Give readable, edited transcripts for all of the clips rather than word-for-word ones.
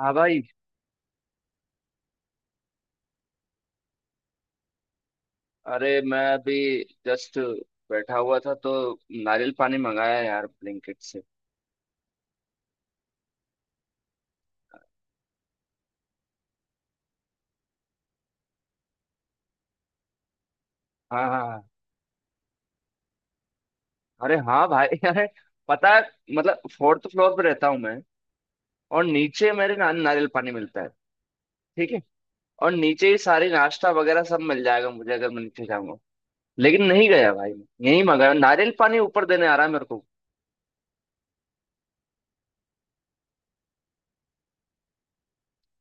हाँ भाई। अरे मैं अभी जस्ट बैठा हुआ था तो नारियल पानी मंगाया यार ब्लिंकिट से। हाँ हाँ हाँ। अरे हाँ भाई अरे पता है, मतलब फोर्थ फ्लोर पे रहता हूँ मैं, और नीचे मेरे ना, नारियल पानी मिलता है। ठीक है। और नीचे ही सारी नाश्ता वगैरह सब मिल जाएगा मुझे अगर मैं नीचे जाऊंगा। लेकिन नहीं गया भाई मैं, यही मंगाया, नारियल पानी ऊपर देने आ रहा है मेरे को।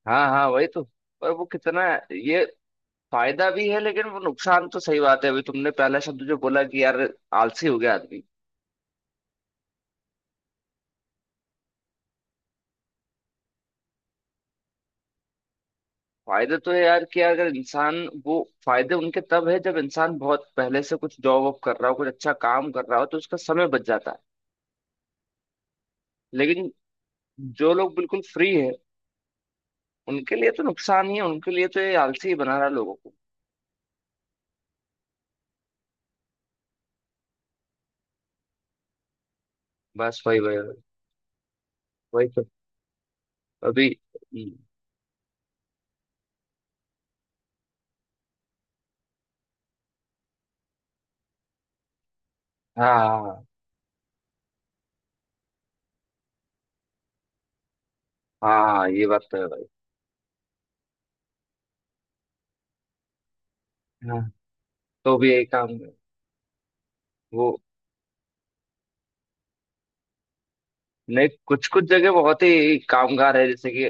हाँ हाँ, वही तो। पर वो कितना, ये फायदा भी है, लेकिन वो नुकसान तो सही बात है। अभी तुमने पहला शब्द जो बोला कि यार आलसी हो गया आदमी। फायदे तो है यार कि अगर इंसान वो, फायदे उनके तब है जब इंसान बहुत पहले से कुछ जॉब वॉब कर रहा हो, कुछ अच्छा काम कर रहा हो, तो उसका समय बच जाता है। लेकिन जो लोग बिल्कुल फ्री है, उनके लिए तो नुकसान ही है, उनके लिए तो ये आलसी ही बना रहा है लोगों को। बस वही वही वही। वही तो। अभी हाँ हाँ हाँ, हाँ, ये बात तो है भाई। हाँ, तो भी यही काम है वो। नहीं, कुछ कुछ जगह बहुत ही कामगार है, जैसे कि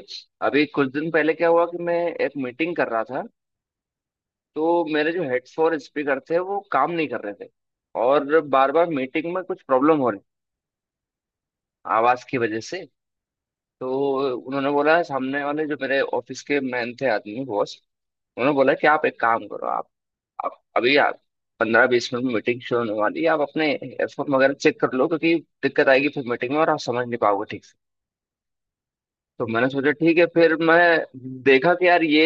अभी कुछ दिन पहले क्या हुआ कि मैं एक मीटिंग कर रहा था, तो मेरे जो हेड्स और स्पीकर थे वो काम नहीं कर रहे थे, और बार बार मीटिंग में कुछ प्रॉब्लम हो रही आवाज की वजह से। तो उन्होंने बोला, सामने वाले जो मेरे ऑफिस के मैन थे, आदमी, बॉस, उन्होंने बोला कि आप एक काम करो। आप 15-20 मिनट में मीटिंग शुरू होने वाली है, आप अपने एयरफोन वगैरह चेक कर लो, क्योंकि दिक्कत आएगी फिर मीटिंग में और आप समझ नहीं पाओगे ठीक से। तो मैंने सोचा ठीक है, फिर मैं देखा कि यार ये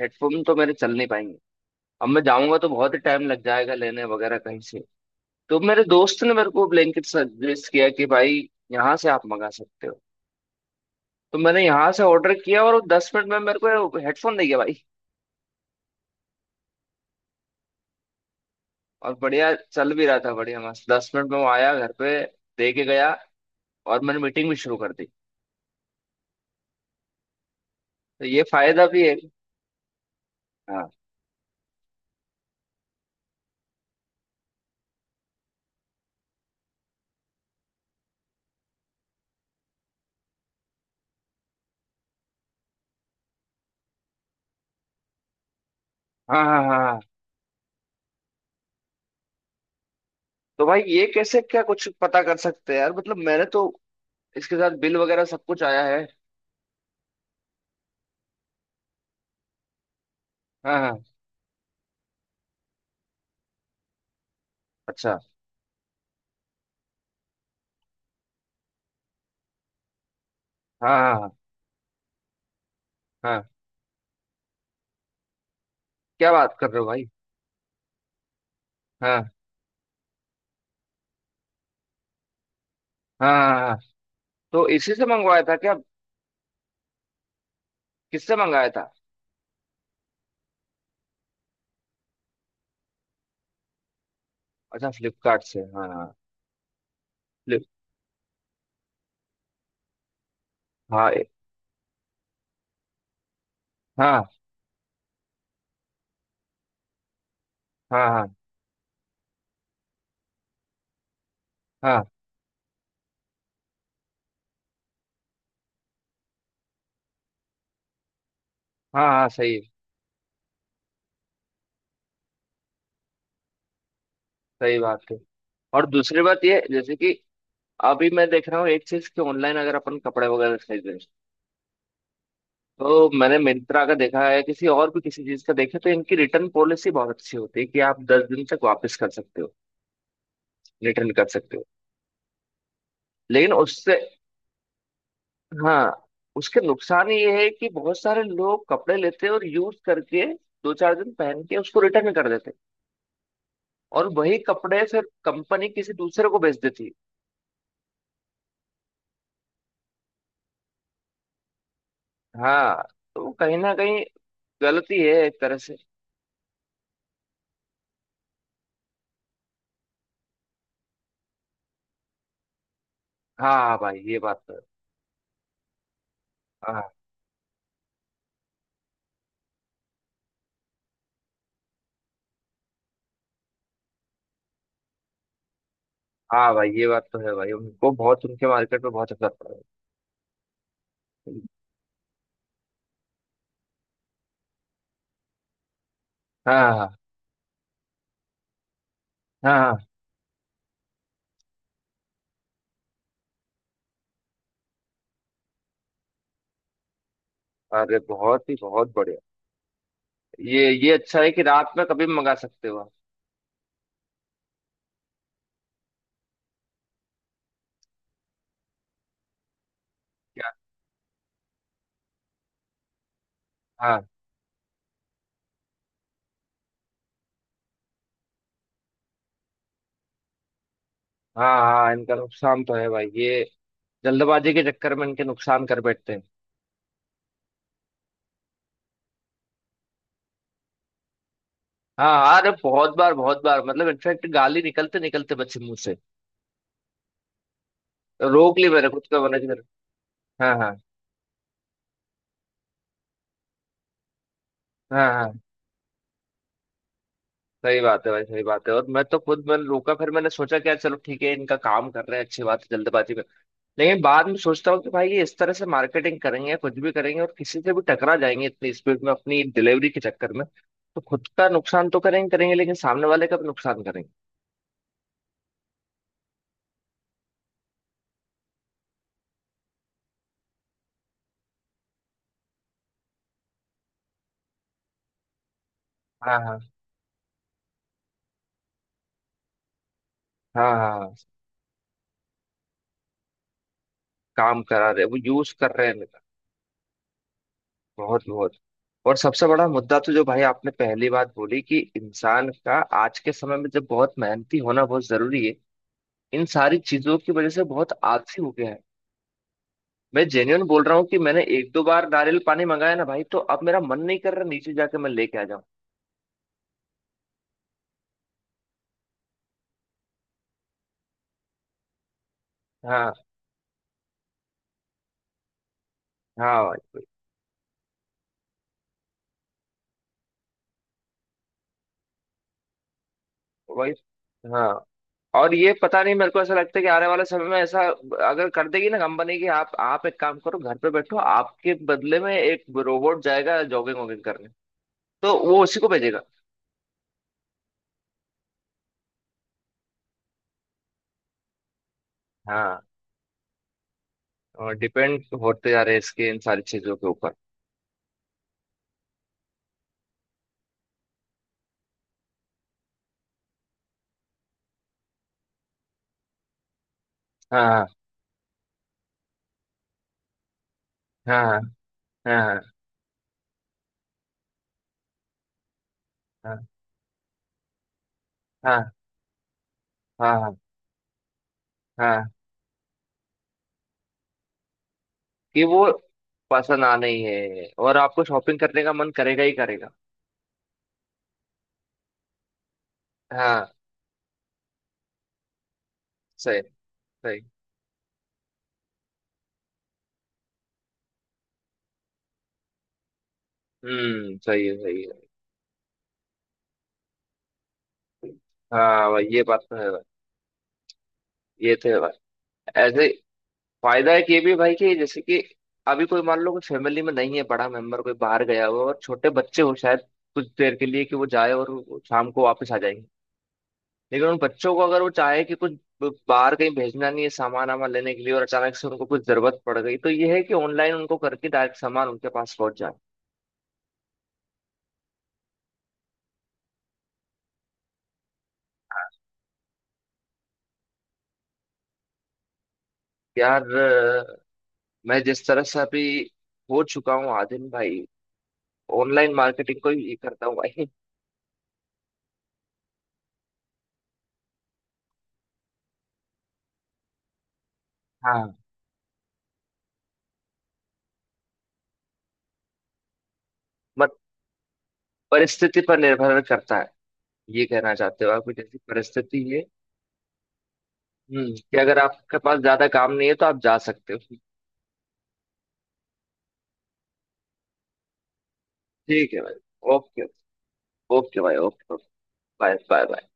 हेडफोन तो मेरे चल नहीं पाएंगे। अब मैं जाऊंगा तो बहुत ही टाइम लग जाएगा लेने वगैरह कहीं से। तो मेरे दोस्त ने मेरे को ब्लैंकेट सजेस्ट किया कि भाई यहाँ से आप मंगा सकते हो। तो मैंने यहाँ से ऑर्डर किया और वो 10 मिनट में मेरे को हेडफोन दे गया भाई। और बढ़िया चल भी रहा था, बढ़िया मस्त। 10 मिनट में वो आया घर पे, दे के गया, और मैंने मीटिंग भी शुरू कर दी। तो ये फायदा भी है। हाँ हाँ हाँ हाँ हाँ। तो भाई ये कैसे, क्या कुछ पता कर सकते हैं यार? मतलब मैंने तो इसके साथ बिल वगैरह सब कुछ आया है। हाँ हाँ। अच्छा। हाँ हाँ हाँ हाँ। क्या बात कर रहे हो भाई! हाँ हाँ हाँ हाँ। हाँ। तो इसी से मंगवाया था क्या? किससे मंगाया था? अच्छा, फ्लिपकार्ट से। हाँ हाँ, फ्लिप। हाँ। हाँ हाँ हाँ हाँ हाँ। हाँ सही है। सही बात है। और दूसरी बात ये है, जैसे कि अभी मैं देख रहा हूँ एक चीज कि ऑनलाइन अगर अपन कपड़े वगैरह खरीद रहे हैं, तो मैंने मिंत्रा का देखा है, किसी और भी किसी चीज का देखा, तो इनकी रिटर्न पॉलिसी बहुत अच्छी होती है कि आप 10 दिन तक वापस कर सकते हो, रिटर्न कर सकते हो। लेकिन उससे, हाँ, उसके नुकसान ये है कि बहुत सारे लोग कपड़े लेते हैं और यूज करके दो चार दिन पहन के उसको रिटर्न कर देते हैं, और वही कपड़े फिर कंपनी किसी दूसरे को बेच देती है। हाँ, तो कहीं ना कहीं गलती है एक तरह से। हाँ भाई, ये बात तो है। हाँ हाँ भाई, ये बात तो है भाई, उनको बहुत, उनके मार्केट में बहुत असर पड़ा है। हाँ हाँ हाँ हाँ। अरे बहुत ही, बहुत बढ़िया। ये अच्छा है कि रात में कभी भी मंगा सकते हो आप। क्या? हाँ हाँ हाँ, इनका नुकसान तो है भाई, ये जल्दबाजी के चक्कर में इनके नुकसान कर बैठते हैं। हाँ हाँ, अरे बहुत बार बहुत बार, मतलब इनफेक्ट गाली निकलते निकलते बच्चे मुंह से, रोक ली मैंने, खुद का मैंने हाँ हाँ हाँ हाँ। सही बात है भाई, सही बात है। और मैं तो खुद, मैंने रोका, फिर मैंने सोचा क्या, चलो ठीक है, इनका काम कर रहे हैं, अच्छी बात है, जल्दबाजी में। लेकिन बाद में सोचता हूँ कि भाई ये इस तरह से मार्केटिंग करेंगे, कुछ भी करेंगे, और किसी से भी टकरा जाएंगे इतनी स्पीड में अपनी डिलीवरी के चक्कर में। तो खुद का नुकसान तो करेंगे करेंगे, लेकिन सामने वाले का भी नुकसान करेंगे। हाँ हाँ। हाँ हाँ, काम करा रहे, वो यूज कर रहे हैं इनका। बहुत बहुत। और सबसे बड़ा मुद्दा तो जो भाई आपने पहली बात बोली कि इंसान का, आज के समय में जब बहुत मेहनती होना बहुत जरूरी है, इन सारी चीजों की वजह से बहुत आलसी हो गया है। मैं जेन्युइन बोल रहा हूँ कि मैंने एक दो बार नारियल पानी मंगाया ना भाई, तो अब मेरा मन नहीं कर रहा नीचे जाके मैं लेके आ जाऊँ। हाँ हाँ भाई। वही। हाँ। और ये पता नहीं, मेरे को ऐसा लगता है कि आने वाले समय में ऐसा अगर कर देगी ना कंपनी की, आप एक काम करो, घर पे बैठो, आपके बदले में एक रोबोट जाएगा जॉगिंग वॉगिंग करने, तो वो उसी को भेजेगा। हाँ। और डिपेंड होते जा रहे हैं इसके, इन सारी चीजों के ऊपर। हाँ हाँ हाँ हाँ हाँ हाँ हाँ हाँ हाँ, कि वो पसंद आना ही है और आपको शॉपिंग करने का मन करेगा ही करेगा। हाँ सही। सही। हम्म, सही है, सही है। हाँ भाई, ये बात तो है भाई, ये तो है भाई। ऐसे फायदा है कि भी भाई, कि जैसे कि अभी कोई, मान लो कोई फैमिली में नहीं है, बड़ा मेंबर कोई बाहर गया हुआ है और छोटे बच्चे हो शायद कुछ देर के लिए, कि वो जाए और वो शाम को वापस आ जाएंगे, लेकिन उन बच्चों को अगर वो चाहे कि कुछ, बाहर कहीं भेजना नहीं है सामान वामान लेने के लिए, और अचानक से उनको कुछ जरूरत पड़ गई, तो ये है कि ऑनलाइन उनको करके डायरेक्ट सामान उनके पास पहुंच जाए। यार मैं जिस तरह से अभी हो चुका हूँ आदिन भाई, ऑनलाइन मार्केटिंग को ही करता हूँ भाई। हाँ। मत, परिस्थिति पर निर्भर करता है, ये कहना चाहते हो आप, जैसी परिस्थिति है। हम्म, कि अगर आपके पास ज्यादा काम नहीं है तो आप जा सकते हो। ठीक है भाई। ओके। ओके भाई, ओके। Bye bye.